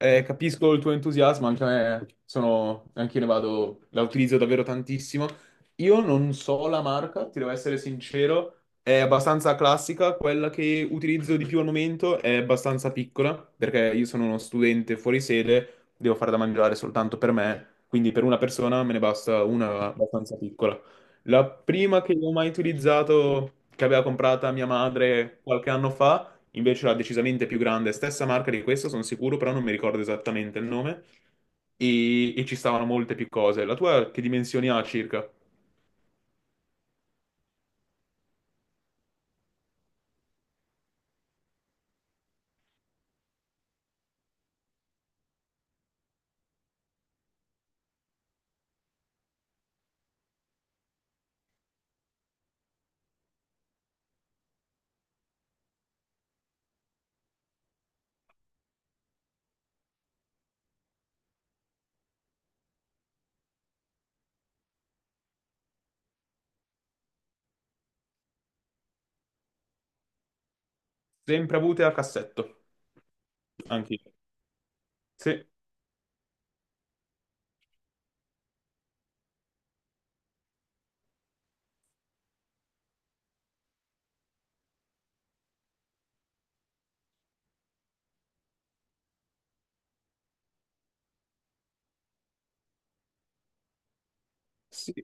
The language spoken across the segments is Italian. Capisco il tuo entusiasmo, anche a me sono, anche io ne vado, la utilizzo davvero tantissimo. Io non so la marca, ti devo essere sincero, è abbastanza classica, quella che utilizzo di più al momento è abbastanza piccola, perché io sono uno studente fuori sede, devo fare da mangiare soltanto per me, quindi per una persona me ne basta una abbastanza piccola. La prima che ho mai utilizzato, che aveva comprata mia madre qualche anno fa. Invece la decisamente più grande, stessa marca di questa, sono sicuro, però non mi ricordo esattamente il nome. E ci stavano molte più cose. La tua che dimensioni ha circa? Sempre avute a cassetto, anche io. Sì, sì.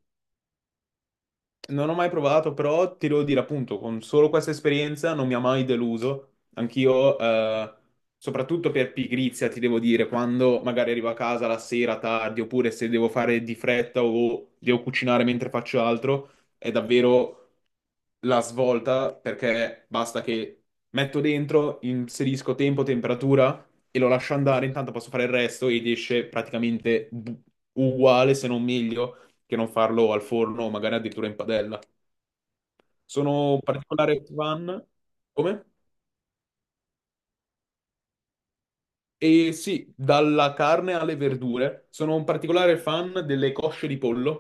Non ho mai provato, però ti devo dire, appunto, con solo questa esperienza non mi ha mai deluso. Anch'io, soprattutto per pigrizia, ti devo dire, quando magari arrivo a casa la sera tardi, oppure se devo fare di fretta o devo cucinare mentre faccio altro, è davvero la svolta perché basta che metto dentro, inserisco tempo, temperatura e lo lascio andare, intanto posso fare il resto ed esce praticamente uguale, se non meglio, che non farlo al forno o magari addirittura in padella. Sono un particolare fan. Come? E sì, dalla carne alle verdure, sono un particolare fan delle cosce di pollo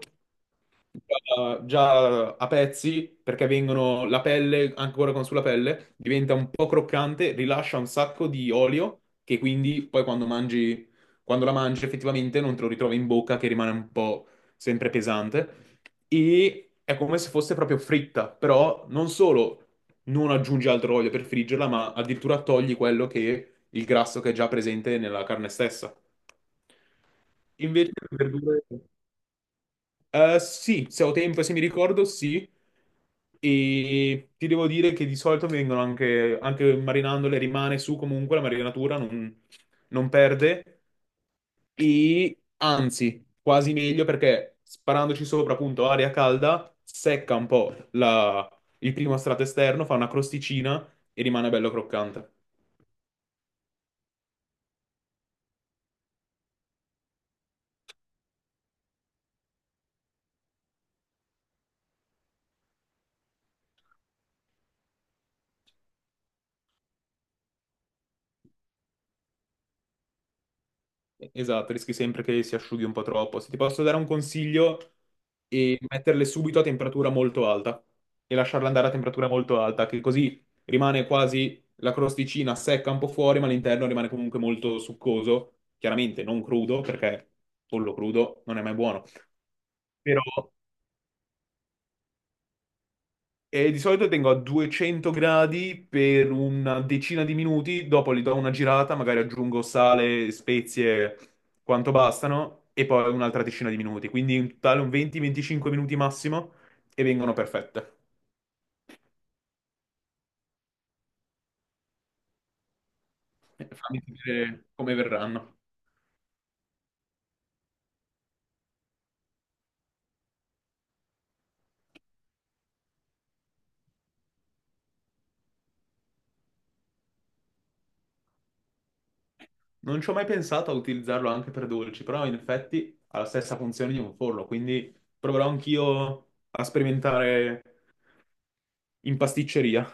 già a pezzi perché vengono la pelle, ancora con sulla pelle, diventa un po' croccante, rilascia un sacco di olio che quindi poi quando mangi, quando la mangi effettivamente non te lo ritrovi in bocca che rimane un po' sempre pesante e è come se fosse proprio fritta, però non solo non aggiungi altro olio per friggerla, ma addirittura togli quello che il grasso che è già presente nella carne stessa. Invece le verdure sì, se ho tempo, e se mi ricordo, sì. E ti devo dire che di solito vengono anche marinandole, rimane su comunque la marinatura, non perde. E anzi, quasi meglio perché sparandoci sopra, appunto, aria calda, secca un po' il primo strato esterno, fa una crosticina e rimane bello croccante. Esatto, rischi sempre che si asciughi un po' troppo. Se ti posso dare un consiglio, è metterle subito a temperatura molto alta e lasciarle andare a temperatura molto alta, che così rimane quasi la crosticina secca un po' fuori, ma l'interno rimane comunque molto succoso. Chiaramente non crudo, perché pollo crudo non è mai buono. Però. E di solito tengo a 200 gradi per una decina di minuti, dopo li do una girata, magari aggiungo sale, spezie, quanto bastano, e poi un'altra decina di minuti. Quindi in totale un 20-25 minuti massimo e vengono perfette. Fammi vedere come verranno. Non ci ho mai pensato a utilizzarlo anche per dolci, però in effetti ha la stessa funzione di un forno, quindi proverò anch'io a sperimentare in pasticceria.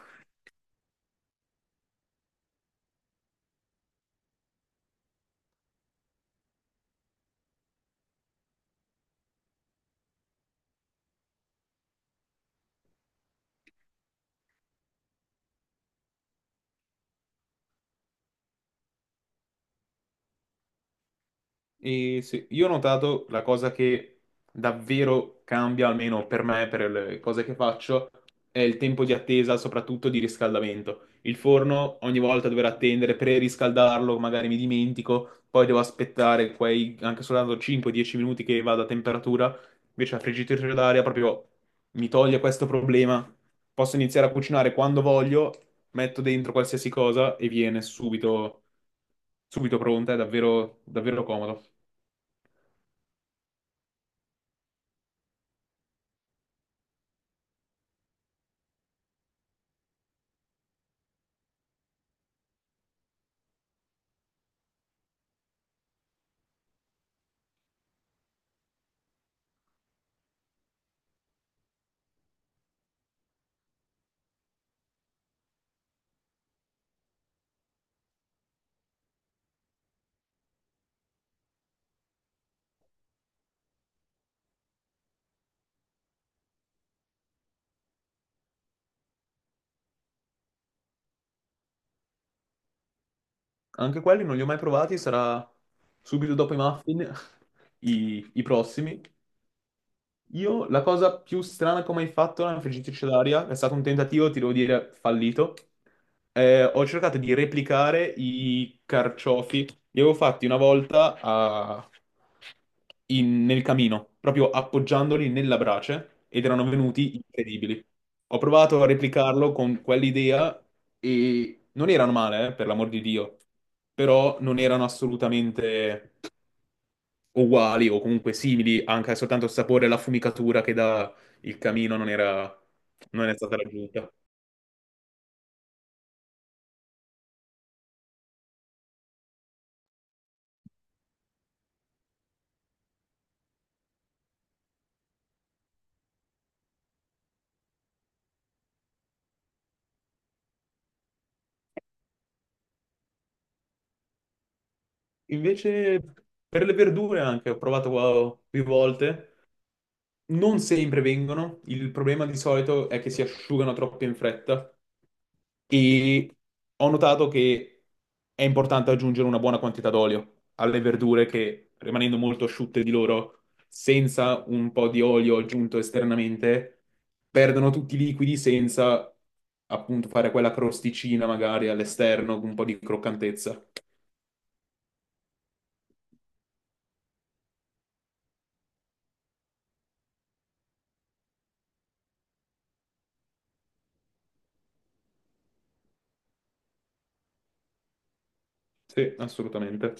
E sì, io ho notato la cosa che davvero cambia, almeno per me, per le cose che faccio, è il tempo di attesa, soprattutto di riscaldamento. Il forno ogni volta dover attendere per riscaldarlo, magari mi dimentico, poi devo aspettare quei anche soltanto 5-10 minuti che vada a temperatura, invece la friggitrice d'aria proprio mi toglie questo problema. Posso iniziare a cucinare quando voglio, metto dentro qualsiasi cosa e viene subito, subito pronta, è davvero, davvero comodo. Anche quelli non li ho mai provati, sarà subito dopo i muffin i prossimi. Io la cosa più strana che ho mai fatto nella friggitrice d'aria è stato un tentativo, ti devo dire, fallito. Ho cercato di replicare i carciofi. Li avevo fatti una volta nel camino, proprio appoggiandoli nella brace, ed erano venuti incredibili. Ho provato a replicarlo con quell'idea e non erano male, per l'amor di Dio, però non erano assolutamente uguali o comunque simili, anche soltanto il sapore e la fumicatura che dà il camino non è stata raggiunta. Invece per le verdure anche, ho provato qua più volte, non sempre vengono, il problema di solito è che si asciugano troppo in fretta. E ho notato che è importante aggiungere una buona quantità d'olio alle verdure che, rimanendo molto asciutte di loro, senza un po' di olio aggiunto esternamente, perdono tutti i liquidi senza appunto fare quella crosticina magari all'esterno, con un po' di croccantezza. Sì, assolutamente.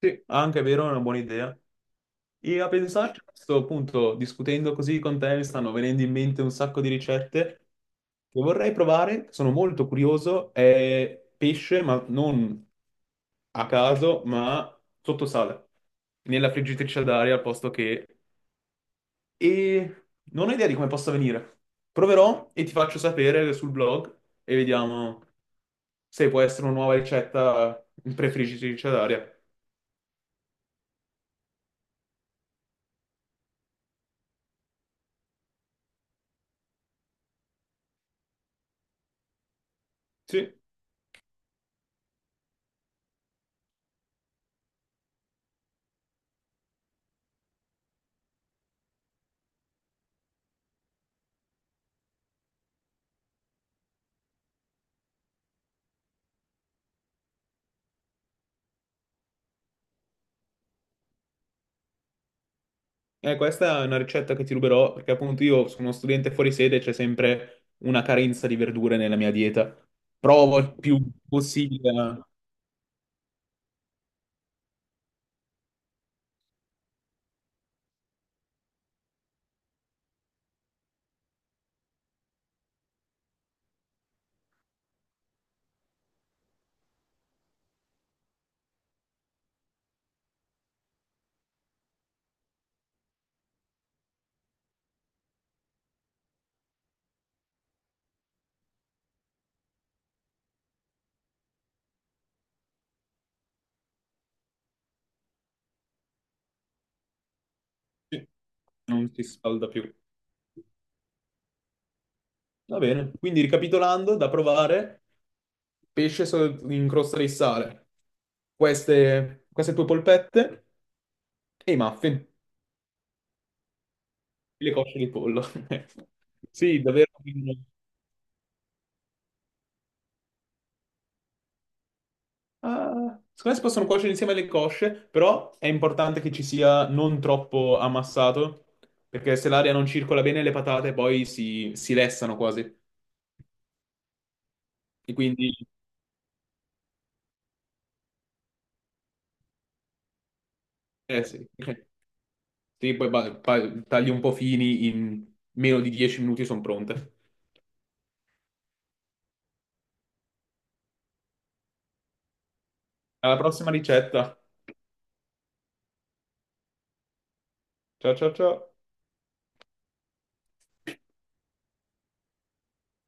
Sì, ah, anche è vero, è una buona idea. E a pensarci, a questo punto, discutendo così con te, mi stanno venendo in mente un sacco di ricette che vorrei provare, che sono molto curioso, è pesce, ma non a caso, ma sotto sale, nella friggitrice d'aria al posto che. E non ho idea di come possa venire. Proverò e ti faccio sapere sul blog e vediamo se può essere una nuova ricetta in friggitrice d'aria. Sì. Questa è una ricetta che ti ruberò perché appunto io sono uno studente fuori sede e c'è sempre una carenza di verdure nella mia dieta. Provo il più possibile, sì, non si scalda più. Va bene, quindi ricapitolando, da provare, pesce in crosta di sale, queste tue polpette e i muffin, le cosce di pollo. Sì, davvero. Ah, secondo me si possono cuocere insieme alle cosce, però è importante che ci sia non troppo ammassato, perché se l'aria non circola bene le patate poi si lessano quasi. E quindi, eh sì, sì, poi tagli un po' fini, in meno di 10 minuti sono pronte. Alla prossima ricetta. Ciao ciao ciao.